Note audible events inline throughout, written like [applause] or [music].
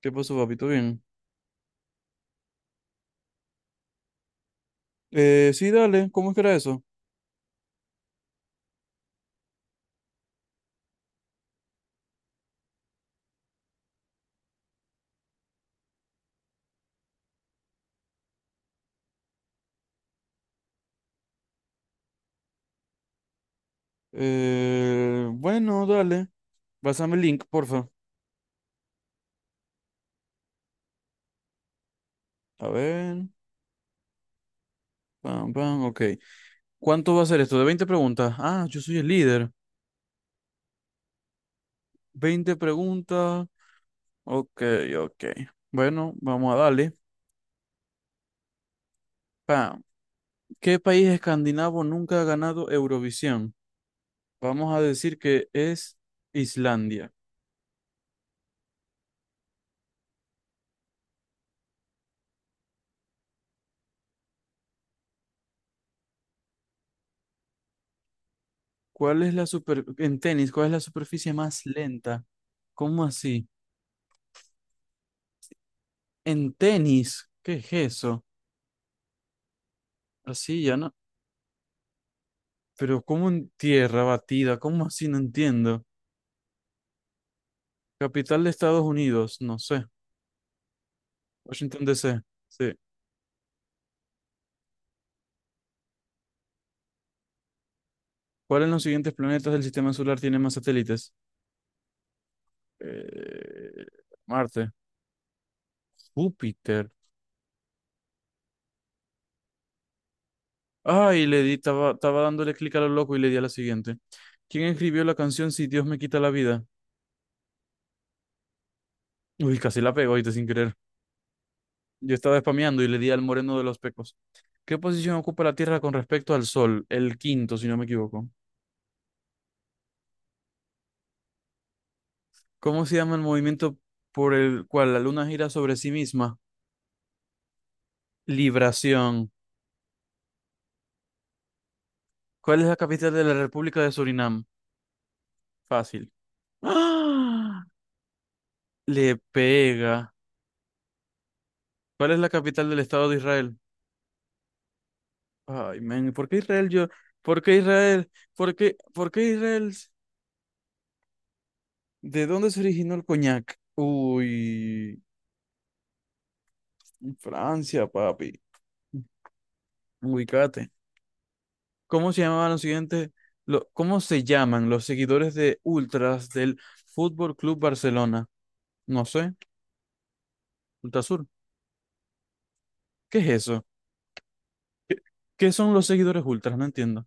¿Qué pasó, papito? Bien. Sí, dale. ¿Cómo es que era eso? Bueno, dale. Pásame el link, porfa. A ver. Pam, pam. Ok. ¿Cuánto va a ser esto? ¿De 20 preguntas? Ah, yo soy el líder. 20 preguntas. Ok, ok. Bueno, vamos a darle. Pam. ¿Qué país escandinavo nunca ha ganado Eurovisión? Vamos a decir que es Islandia. ¿Cuál es la super... En tenis, ¿cuál es la superficie más lenta? ¿Cómo así? En tenis, ¿qué es eso? Arcilla, ¿no? Pero, ¿cómo en tierra batida? ¿Cómo así? No entiendo. Capital de Estados Unidos, no sé. Washington DC, sí. ¿Cuál en los siguientes planetas del sistema solar tiene más satélites? Eh, Marte. Júpiter. Ay, le di, estaba dándole clic a lo loco y le di a la siguiente. ¿Quién escribió la canción Si Dios me quita la vida? Uy, casi la pego ahorita sin querer. Yo estaba spameando y le di al moreno de los pecos. ¿Qué posición ocupa la Tierra con respecto al Sol? El quinto, si no me equivoco. ¿Cómo se llama el movimiento por el cual la Luna gira sobre sí misma? Libración. ¿Cuál es la capital de la República de Surinam? Fácil. ¡Ah! Le pega. ¿Cuál es la capital del Estado de Israel? Ay, men, ¿por qué Israel yo? ¿Por qué Israel? ¿Por qué Israel? ¿De dónde se originó el coñac? Uy, Francia, papi. Ubicate. ¿Cómo se llamaban los siguientes? ¿Cómo se llaman los seguidores de Ultras del Fútbol Club Barcelona? No sé, Ultrasur. ¿Qué es eso? ¿Qué, qué son los seguidores Ultras? No entiendo.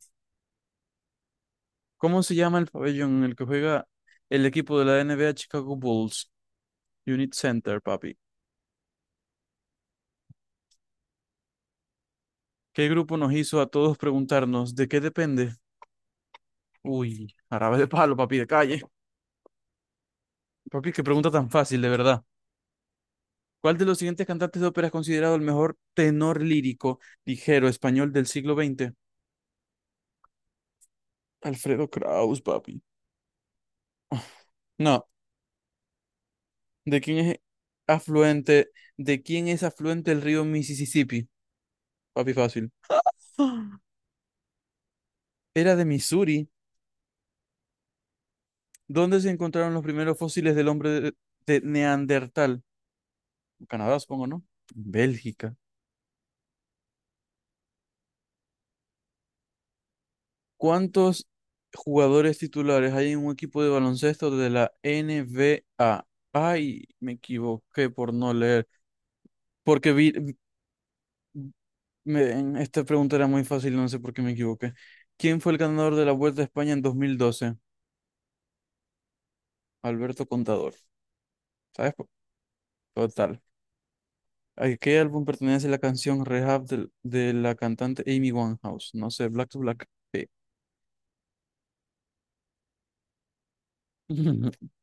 ¿Cómo se llama el pabellón en el que juega el equipo de la NBA Chicago Bulls? Unit Center, papi. ¿Qué grupo nos hizo a todos preguntarnos de qué depende? Uy, árabe de palo, papi, de calle. Papi, qué pregunta tan fácil, de verdad. ¿Cuál de los siguientes cantantes de ópera es considerado el mejor tenor lírico ligero español del siglo XX? Alfredo Kraus, papi. No, ¿de quién es afluente? ¿De quién es afluente el río Mississippi? Papi, fácil. [gasps] Era de Missouri. ¿Dónde se encontraron los primeros fósiles del hombre de Neandertal? Canadá, supongo, ¿no? Bélgica. ¿Cuántos jugadores titulares hay en un equipo de baloncesto de la N B A? Ay, me equivoqué por no leer. Porque vi, Miren, esta pregunta era muy fácil, no sé por qué me equivoqué. ¿Quién fue el ganador de la Vuelta a España en 2012? Alberto Contador. ¿Sabes? Total. ¿A qué álbum pertenece la canción Rehab de la cantante Amy Winehouse? No sé, Black to Black. Sí. [laughs]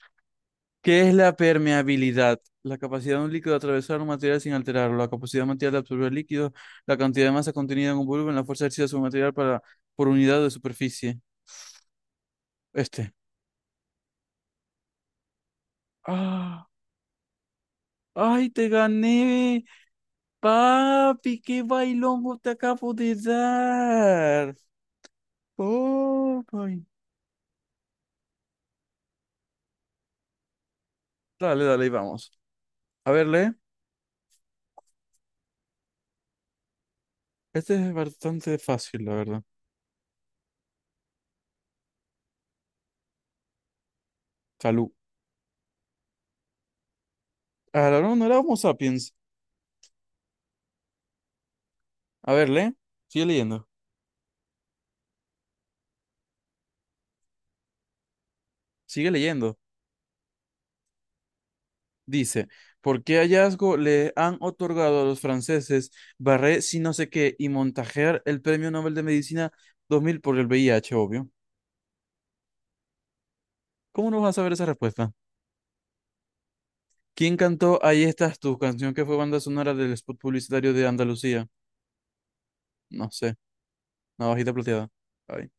¿Qué es la permeabilidad? La capacidad de un líquido de atravesar un material sin alterarlo, la capacidad material de absorber líquido, la cantidad de masa contenida en un volumen, la fuerza ejercida sobre un material por unidad de superficie. Este. ¡Ah! ¡Ay, te gané! Papi, qué bailongo te acabo de dar. Oh, my. Dale, dale, ahí vamos. A ver, lee. Este es bastante fácil, la verdad. Salud. Ah, no, no era Homo sapiens. A ver, lee. Sigue leyendo. Sigue leyendo. Dice, ¿por qué hallazgo le han otorgado a los franceses Barré si no sé qué y Montajer el Premio Nobel de Medicina 2000 por el VIH, obvio? ¿Cómo no vas a saber esa respuesta? ¿Quién cantó Ahí estás tú, canción que fue banda sonora del spot publicitario de Andalucía? No sé, navajita plateada. Ay.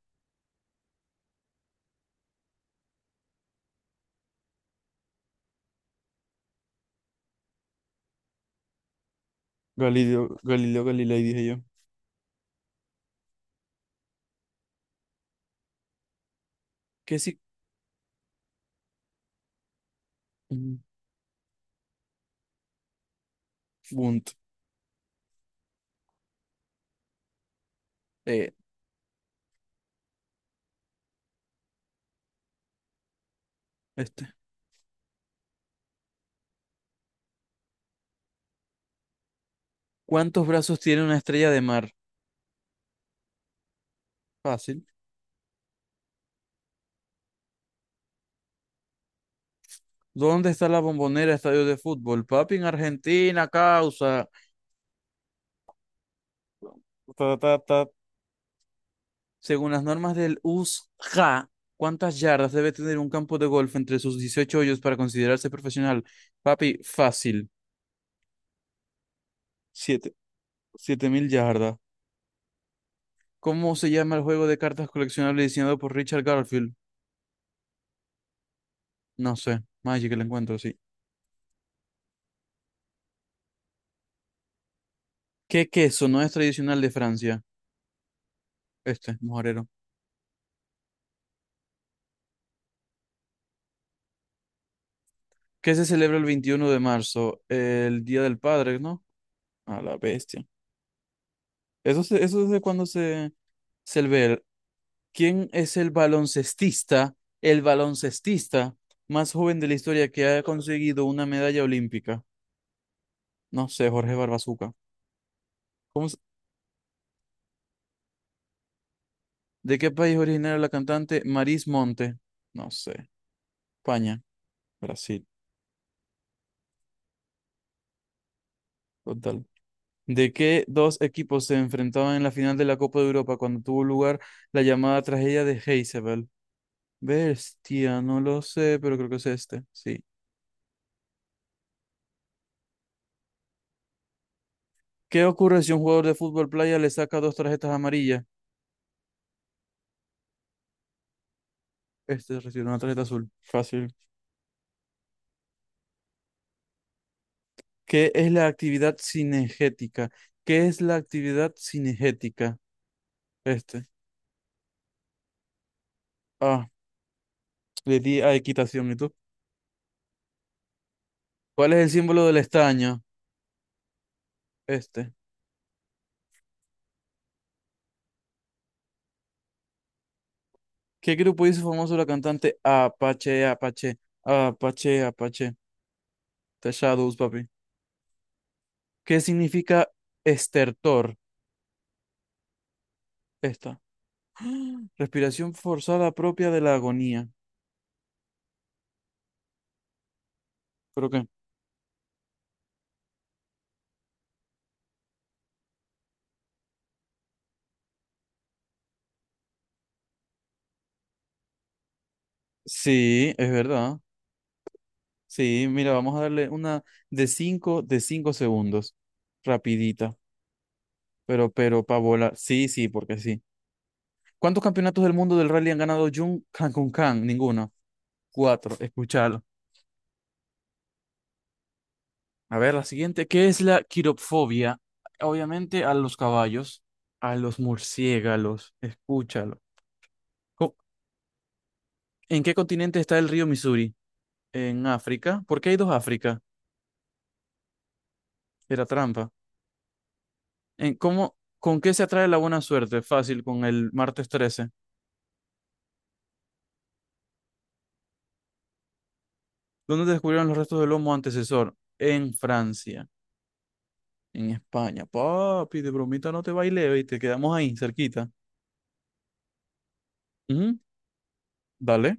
Galileo Galilei, dije yo. ¿Qué si... mm, Bunt. Eh, este. ¿Cuántos brazos tiene una estrella de mar? Fácil. ¿Dónde está la bombonera estadio de fútbol? Papi, en Argentina, causa. Ta, ta, ta. Según las normas del USJA, ¿cuántas yardas debe tener un campo de golf entre sus 18 hoyos para considerarse profesional? Papi, fácil. 7000 yardas. ¿Cómo se llama el juego de cartas coleccionables diseñado por Richard Garfield? No sé. Magic el encuentro, sí. ¿Qué queso no es tradicional de Francia? Este, mojarero. ¿Qué se celebra el 21 de marzo? El Día del Padre, ¿no? A la bestia. Eso, eso desde cuando se ve. ¿Quién es el baloncestista más joven de la historia que ha conseguido una medalla olímpica? No sé, Jorge Barbazuca. ¿Cómo ¿De qué país es originaria la cantante Maris Monte? No sé. España, Brasil, total. ¿De qué dos equipos se enfrentaban en la final de la Copa de Europa cuando tuvo lugar la llamada tragedia de Heysel? Bestia, no lo sé, pero creo que es este. Sí. ¿Qué ocurre si un jugador de fútbol playa le saca dos tarjetas amarillas? Este recibe una tarjeta azul. Fácil. ¿Qué es la actividad cinegética? ¿Qué es la actividad cinegética? Este. Ah, le di a equitación. ¿Y tú? ¿Cuál es el símbolo del estaño? Este. ¿Qué grupo hizo famoso la cantante Apache, Apache, Apache, Apache? The Shadows, papi. ¿Qué significa estertor? Esta. [gasps] Respiración forzada propia de la agonía. Creo que. Sí, es verdad. Sí, mira, vamos a darle una de cinco segundos. Rapidita. Pero, pa' volar. Sí, sí, porque sí. ¿Cuántos campeonatos del mundo del rally han ganado Jun Kang Kun Kang? Ninguno. Cuatro. Escuchalo. A ver, la siguiente, ¿qué es la quiropfobia? Obviamente a los caballos, a los murciélagos, escúchalo. Co- ¿En qué continente está el río Missouri? ¿En África? ¿Por qué hay dos África? Era trampa. ¿En cómo, ¿Con qué se atrae la buena suerte? Fácil, con el martes 13. ¿Dónde descubrieron los restos del homo antecesor? En Francia, en España. Papi, de bromita no te baile y te quedamos ahí, cerquita. Ujú, dale.